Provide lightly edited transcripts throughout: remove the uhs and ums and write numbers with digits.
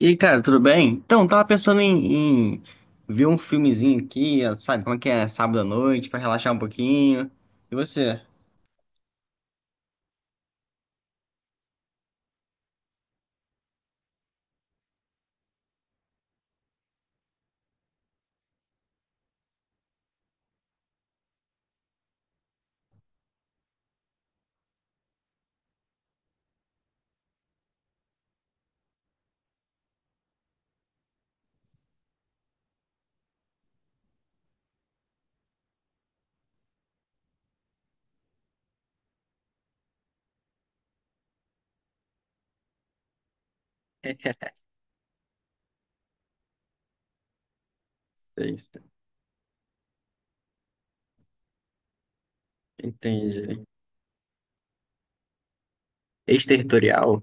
E aí, cara, tudo bem? Então, tava pensando em ver um filmezinho aqui, sabe? Como é que é? Sábado à noite, pra relaxar um pouquinho. E você? É isso. Entendi. Exterritorial?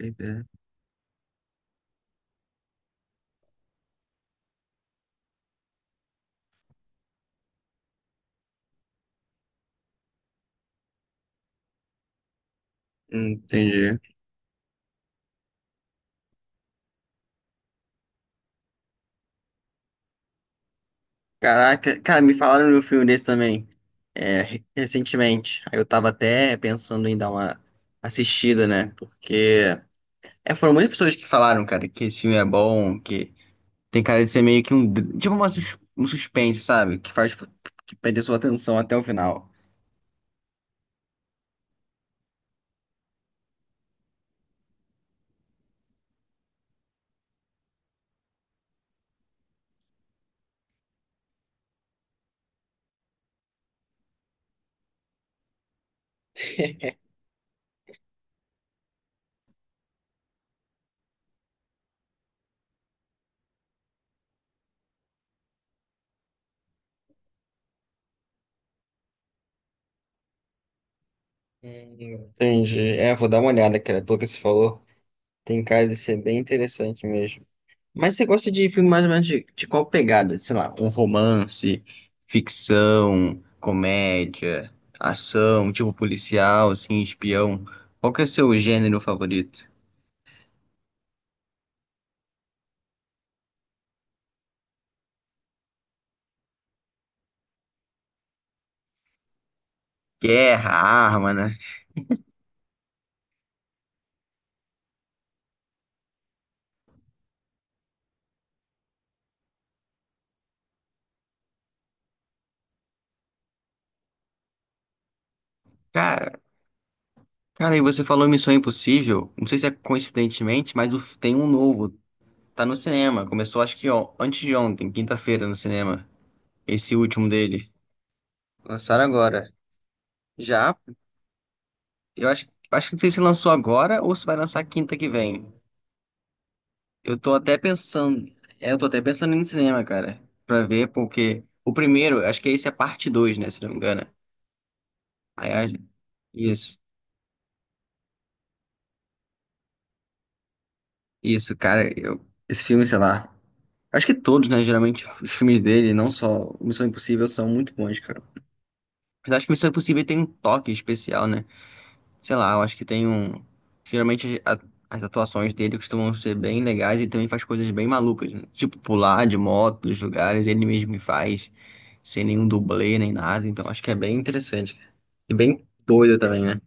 Entendi. Entendi. Caraca, cara, me falaram de um filme desse também, re- recentemente. Aí eu tava até pensando em dar uma assistida, né? Porque foram muitas pessoas que falaram, cara, que esse filme é bom. Tem cara de ser meio que um tipo uma um suspense, sabe? Que faz que perde a sua atenção até o final. Hum. Entendi. É, vou dar uma olhada, cara. Pelo que você falou, tem cara de ser bem interessante mesmo. Mas você gosta de filme mais ou menos de, qual pegada? Sei lá, um romance, ficção, comédia, ação, tipo policial, assim, espião. Qual que é o seu gênero favorito? Guerra, arma, né? Cara. Cara, e você falou Missão Impossível, não sei se é coincidentemente, mas tem um novo, tá no cinema, começou acho que ó, antes de ontem, quinta-feira no cinema, esse último dele. Lançaram agora. Já, eu acho, acho que não sei se lançou agora ou se vai lançar quinta que vem. Eu tô até pensando, eu tô até pensando em ir no cinema, cara, pra ver, porque o primeiro, acho que esse é parte 2, né, se não me engano. Aí, aí- isso, isso, cara, eu, esse filme, sei lá. Acho que todos, né? Geralmente os filmes dele, não só Missão Impossível, são muito bons, cara. Mas acho que Missão Impossível tem um toque especial, né? Sei lá, eu acho que tem um. Geralmente as atuações dele costumam ser bem legais e ele também faz coisas bem malucas, né? Tipo pular de moto dos lugares, ele mesmo faz, sem nenhum dublê nem nada. Então acho que é bem interessante. E bem doida também, né?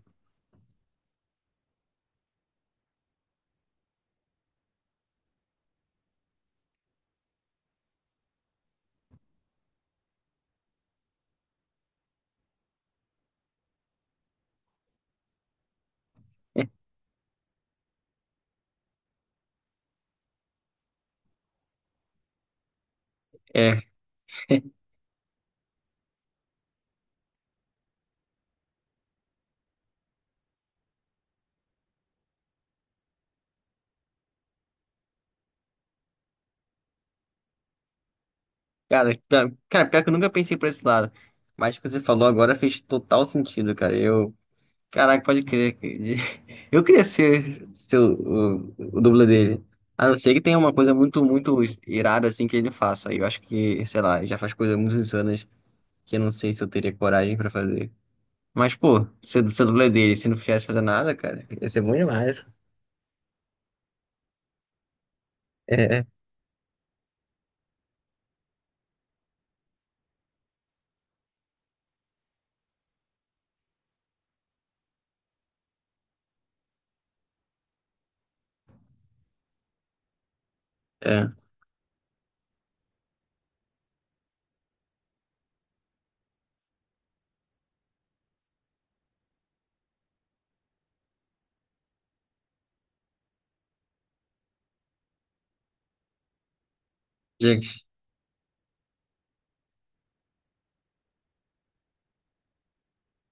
É. Cara, cara, pior que eu nunca pensei por esse lado. Mas o que você falou agora fez total sentido, cara. Eu. Caraca, pode crer. Eu queria ser, ser o dublê dele. A não ser que tenha uma coisa muito, muito irada assim que ele faça. Aí eu acho que, sei lá, ele já faz coisas muito insanas que eu não sei se eu teria coragem pra fazer. Mas, pô, ser, ser dublê dele, se não fizesse fazer nada, cara, ia ser bom demais. É, é. Gente.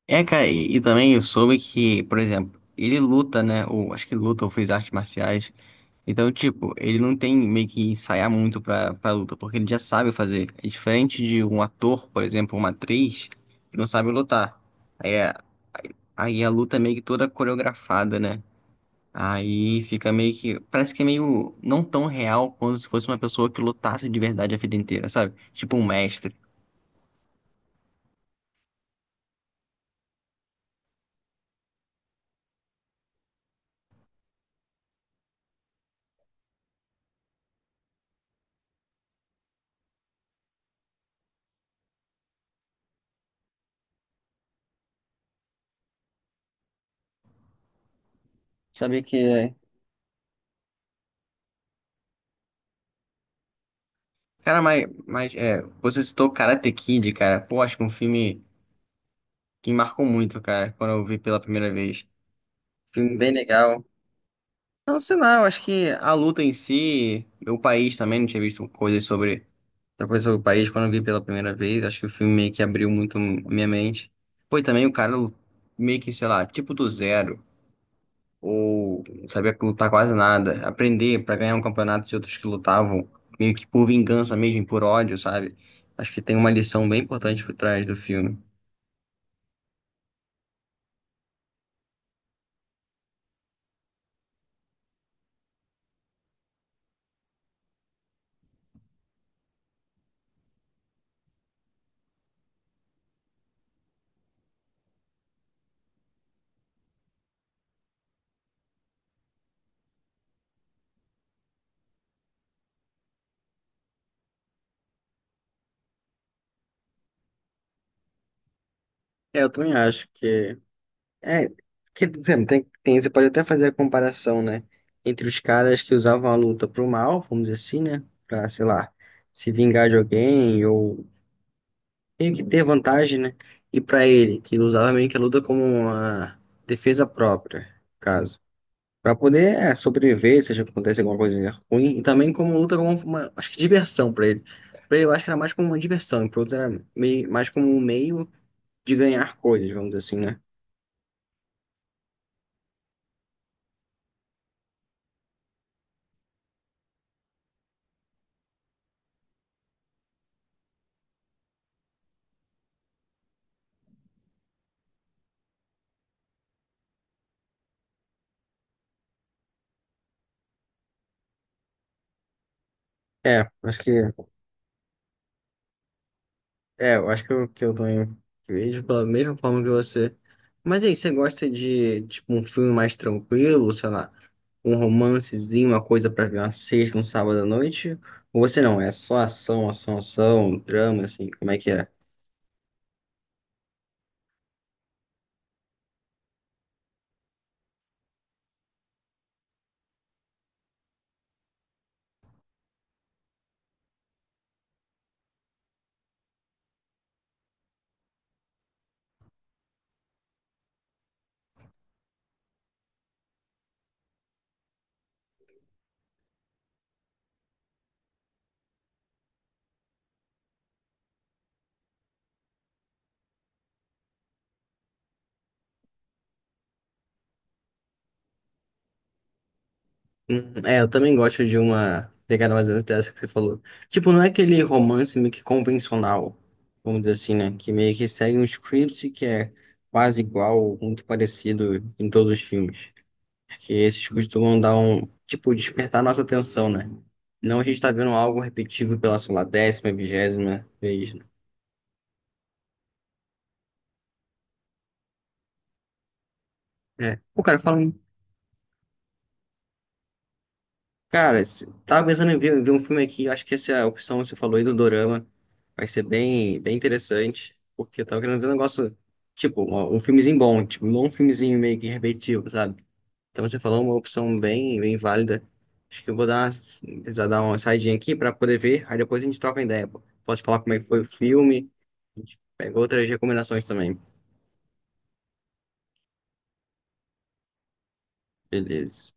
É, cara, e também eu soube que, por exemplo, ele luta, né? Ou acho que luta ou fez artes marciais. Então, tipo, ele não tem meio que ensaiar muito pra luta, porque ele já sabe fazer. É diferente de um ator, por exemplo, uma atriz, que não sabe lutar. Aí, a- aí a luta é meio que toda coreografada, né? Aí fica meio que. Parece que é meio não tão real quanto se fosse uma pessoa que lutasse de verdade a vida inteira, sabe? Tipo um mestre. Sabia que é. Cara, mas é, você citou Karate Kid, cara. Pô, acho que é um filme que me marcou muito, cara, quando eu vi pela primeira vez. Filme bem legal. Não sei lá, eu acho que a luta em si, meu país também, não tinha visto coisas sobre, outra coisa sobre o país quando eu vi pela primeira vez, acho que o filme meio que abriu muito a minha mente. Foi também o cara meio que, sei lá, tipo do zero, ou não sabia lutar quase nada, aprender pra ganhar um campeonato de outros que lutavam, meio que por vingança mesmo, por ódio, sabe? Acho que tem uma lição bem importante por trás do filme. É, eu também acho que é, que exemplo, tem, você pode até fazer a comparação, né? Entre os caras que usavam a luta pro mal, vamos dizer assim, né? Pra, sei lá, se vingar de alguém ou meio que ter vantagem, né? E pra ele, que usava meio que a luta como uma defesa própria, no caso. Pra poder é, sobreviver, seja que aconteça alguma coisa ruim, e também como luta como uma, acho que diversão pra ele. Pra ele, eu acho que era mais como uma diversão, e pro outro era meio, mais como um meio de ganhar coisas, vamos dizer assim, né? É, acho que. É, eu acho que eu também vejo pela mesma forma que você. Mas e aí, você gosta de, tipo, um filme mais tranquilo, sei lá, um romancezinho, uma coisa pra ver uma sexta, um sábado à noite? Ou você não, é só ação, ação, ação, um drama, assim, como é que é? Hum. É, eu também gosto de uma pegada mais ou menos dessa que você falou. Tipo, não é aquele romance meio que convencional, vamos dizer assim, né? Que meio que segue um script que é quase igual, muito parecido em todos os filmes. Que esses costumam dar um, tipo, despertar nossa atenção, né? Não a gente tá vendo algo repetitivo pela, sei lá, décima, vigésima vez, né? É. Pô, cara, fala um... Cara, tava pensando em ver, ver um filme aqui, acho que essa opção que você falou aí do Dorama vai ser bem, bem interessante, porque eu tava querendo ver um negócio, tipo, um filmezinho bom, tipo, não um filmezinho meio que repetitivo, sabe? Então você falou uma opção bem, bem válida. Acho que eu vou dar uma, precisar dar uma saidinha aqui para poder ver, aí depois a gente troca ideia, pô. Posso te falar como é que foi o filme, a gente pega outras recomendações também. Beleza.